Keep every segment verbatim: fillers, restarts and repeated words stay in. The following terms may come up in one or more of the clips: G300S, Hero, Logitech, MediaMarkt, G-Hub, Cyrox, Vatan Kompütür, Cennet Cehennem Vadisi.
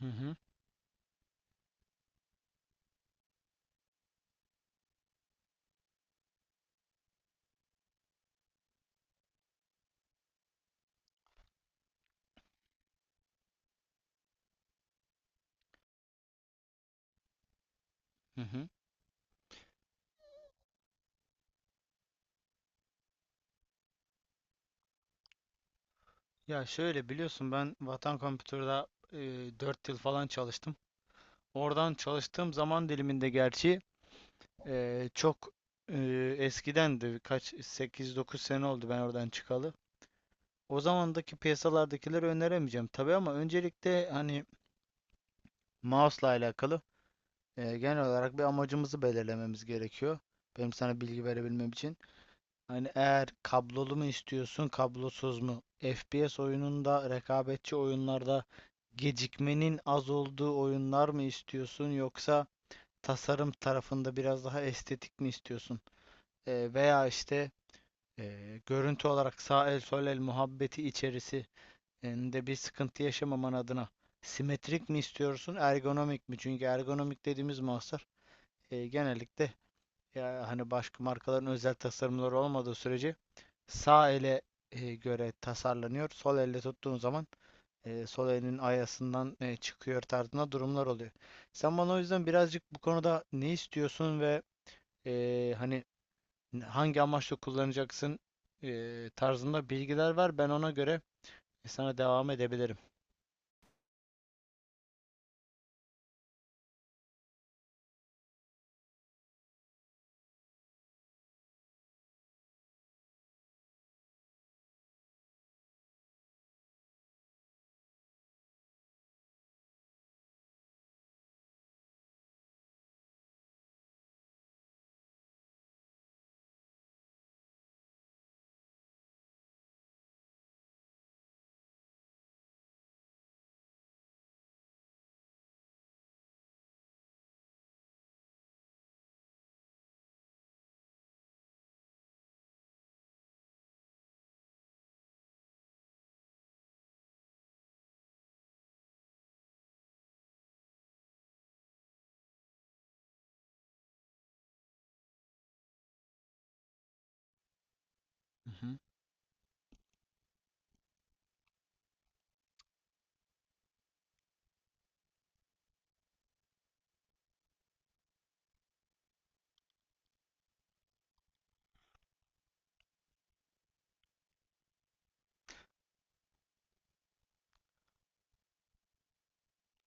Hı hı, hı hı. Ya şöyle biliyorsun ben Vatan Kompütür'de e, dört yıl falan çalıştım. Oradan çalıştığım zaman diliminde gerçi e, çok e, eskidendi. Kaç sekiz dokuz sene oldu ben oradan çıkalı. O zamandaki piyasalardakileri öneremeyeceğim tabii ama öncelikle hani mouse'la alakalı e, genel olarak bir amacımızı belirlememiz gerekiyor. Benim sana bilgi verebilmem için. Hani eğer kablolu mu istiyorsun, kablosuz mu? F P S oyununda, rekabetçi oyunlarda gecikmenin az olduğu oyunlar mı istiyorsun yoksa tasarım tarafında biraz daha estetik mi istiyorsun? Ee, veya işte e, görüntü olarak sağ el sol el muhabbeti içerisinde bir sıkıntı yaşamaman adına simetrik mi istiyorsun, ergonomik mi? Çünkü ergonomik dediğimiz mahsur e, genellikle ya hani başka markaların özel tasarımları olmadığı sürece sağ ele e, göre tasarlanıyor. Sol elle tuttuğun zaman e, sol elinin ayasından e, çıkıyor tarzında durumlar oluyor. Sen bana o yüzden birazcık bu konuda ne istiyorsun ve e, hani hangi amaçla kullanacaksın e, tarzında bilgiler ver. Ben ona göre e, sana devam edebilirim. Hı hı.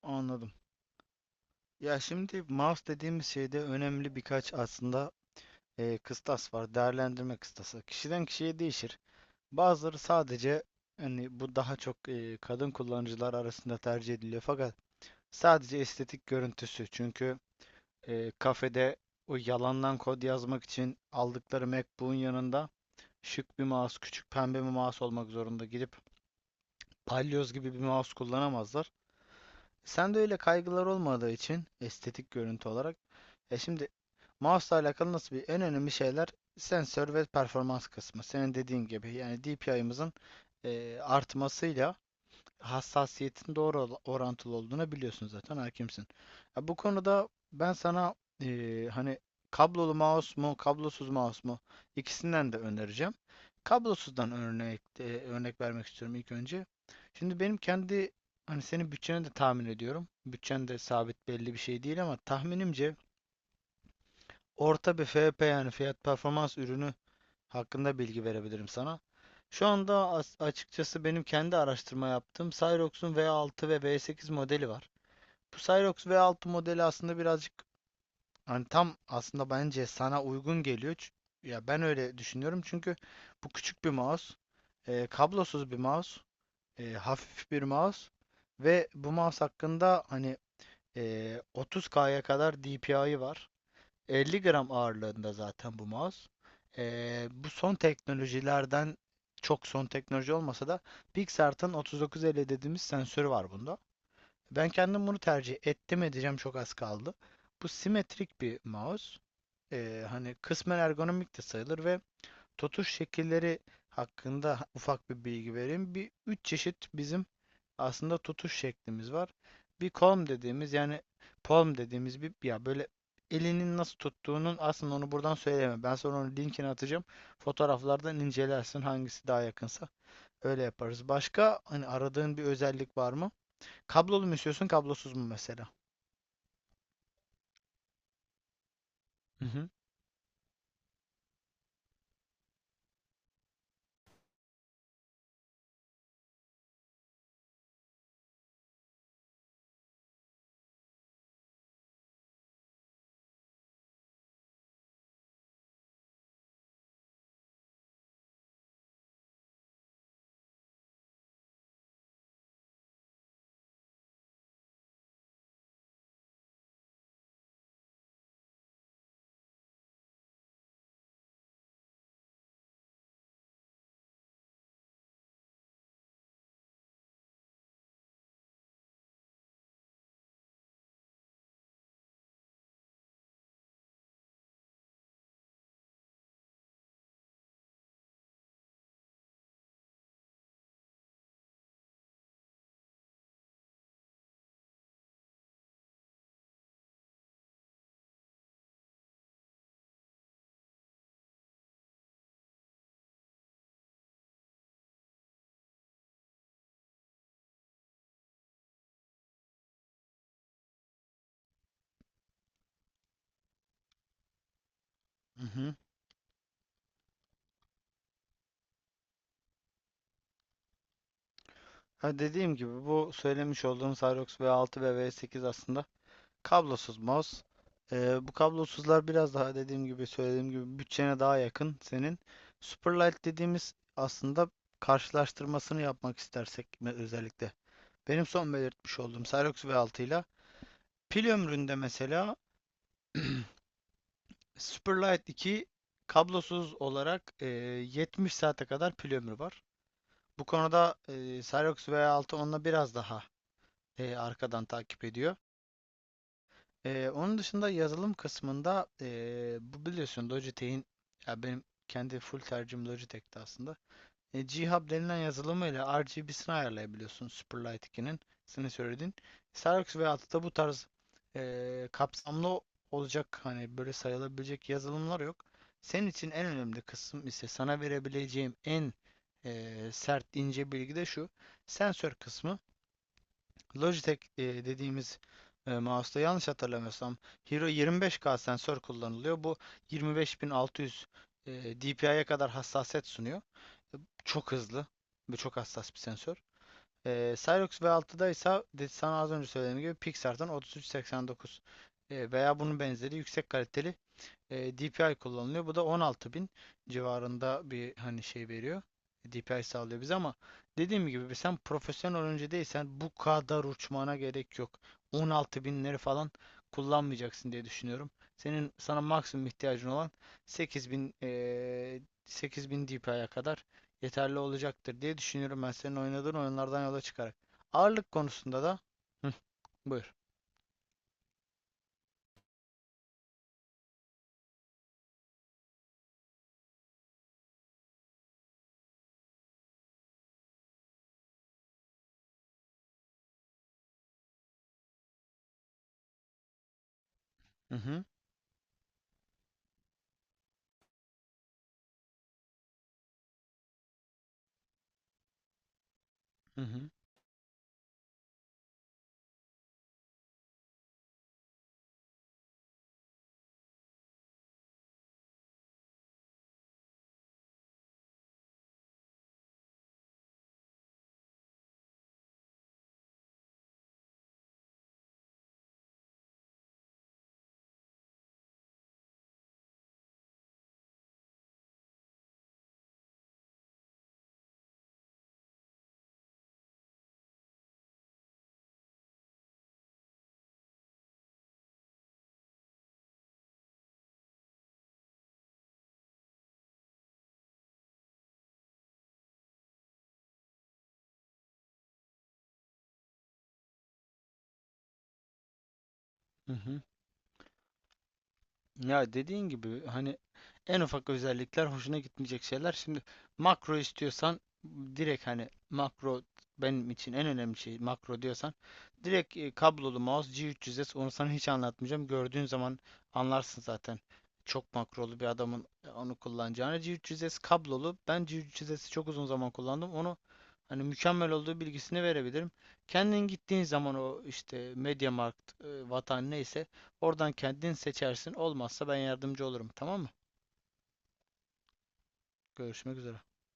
Anladım. Ya şimdi mouse dediğimiz şeyde önemli birkaç aslında e, kıstas var. Değerlendirme kıstası. Kişiden kişiye değişir. Bazıları sadece hani bu daha çok e, kadın kullanıcılar arasında tercih ediliyor fakat sadece estetik görüntüsü. Çünkü e, kafede o yalandan kod yazmak için aldıkları MacBook'un yanında şık bir mouse, küçük pembe bir mouse olmak zorunda. Gidip palyoz gibi bir mouse kullanamazlar. Sende öyle kaygılar olmadığı için estetik görüntü olarak. E şimdi mouse'la alakalı nasıl bir en önemli şeyler sensör ve performans kısmı. Senin dediğin gibi yani D P I'mızın e, artmasıyla hassasiyetin doğru ol- orantılı olduğunu biliyorsun zaten hakimsin. Ya bu konuda ben sana eee, hani kablolu mouse mu kablosuz mouse mu ikisinden de önereceğim. Kablosuzdan örnek e, örnek vermek istiyorum ilk önce. Şimdi benim kendi hani senin bütçeni de tahmin ediyorum. Bütçen de sabit belli bir şey değil ama tahminimce orta bir F P yani fiyat performans ürünü hakkında bilgi verebilirim sana. Şu anda as- açıkçası benim kendi araştırma yaptığım Cyrox'un V altı ve V sekiz modeli var. Bu Cyrox V altı modeli aslında birazcık hani tam aslında bence sana uygun geliyor. Ç- Ya ben öyle düşünüyorum çünkü bu küçük bir mouse, e, kablosuz bir mouse, e, hafif bir mouse ve bu mouse hakkında hani e, otuz K'ya kadar D P I'ı var. elli gram ağırlığında zaten bu mouse. Ee, bu son teknolojilerden çok son teknoloji olmasa da Pixart'ın üç bin dokuz yüz elli dediğimiz sensörü var bunda. Ben kendim bunu tercih ettim edeceğim çok az kaldı. Bu simetrik bir mouse. Ee, hani kısmen ergonomik de sayılır ve tutuş şekilleri hakkında ufak bir bilgi vereyim. Bir üç çeşit bizim aslında tutuş şeklimiz var. Bir palm dediğimiz yani palm dediğimiz bir ya böyle elinin nasıl tuttuğunun aslında onu buradan söyleyemem. Ben sonra onun linkini atacağım. Fotoğraflardan incelersin hangisi daha yakınsa. Öyle yaparız. Başka hani aradığın bir özellik var mı? Kablolu mu istiyorsun, kablosuz mu mesela? Hı hı. Hı hı. Ha dediğim gibi bu söylemiş olduğum Cyrox V altı ve V sekiz aslında kablosuz mouse. Ee, bu kablosuzlar biraz daha dediğim gibi söylediğim gibi bütçene daha yakın senin. Superlight dediğimiz aslında karşılaştırmasını yapmak istersek özellikle. Benim son belirtmiş olduğum Cyrox V altı ile pil ömründe mesela Superlight iki kablosuz olarak e, yetmiş saate kadar pil ömrü var. Bu konuda e, Cyrox V altı onunla biraz daha e, arkadan takip ediyor. Ee, onun dışında yazılım kısmında ee, bu biliyorsun Logitech'in ya benim kendi full tercihim Logitech'ti aslında. E, G-Hub denilen yazılımıyla R G B'sini ayarlayabiliyorsun Superlight ikinin. Senin söylediğin. Xerox ve da bu tarz ee, kapsamlı olacak hani böyle sayılabilecek yazılımlar yok. Senin için en önemli kısım ise sana verebileceğim en ee, sert ince bilgi de şu. Sensör kısmı. Logitech e, dediğimiz e, mouse'da yanlış hatırlamıyorsam Hero yirmi beş K sensör kullanılıyor. Bu yirmi beş bin altı yüz e, D P I'ye kadar hassasiyet sunuyor. E, Çok hızlı ve çok hassas bir sensör. E, Cyrox V altı'da ise de- sana az önce söylediğim gibi Pixar'dan otuz üç seksen dokuz e, veya bunun benzeri yüksek kaliteli e, D P I kullanılıyor. Bu da on altı bin civarında bir hani şey veriyor. D P I sağlıyor bize ama dediğim gibi sen profesyonel oyuncu değilsen bu kadar uçmana gerek yok. On altı binleri falan kullanmayacaksın diye düşünüyorum. Senin sana maksimum ihtiyacın olan sekiz bin eee sekiz bin D P I'ye kadar yeterli olacaktır diye düşünüyorum ben senin oynadığın oyunlardan yola çıkarak. Ağırlık konusunda da. Hı, buyur. Hı hı, hı hı, hı hı. Ya dediğin gibi hani en ufak özellikler hoşuna gitmeyecek şeyler. Şimdi makro istiyorsan direkt hani makro benim için en önemli şey makro diyorsan direkt e, kablolu mouse G üç yüz S onu sana hiç anlatmayacağım. Gördüğün zaman anlarsın zaten çok makrolu bir adamın e, onu kullanacağını. G üç yüz S kablolu. Ben G üç yüz S'i çok uzun zaman kullandım. Onu hani mükemmel olduğu bilgisini verebilirim. Kendin gittiğin zaman o işte MediaMarkt, e, Vatan neyse oradan kendin seçersin. Olmazsa ben yardımcı olurum. Tamam mı? Görüşmek üzere.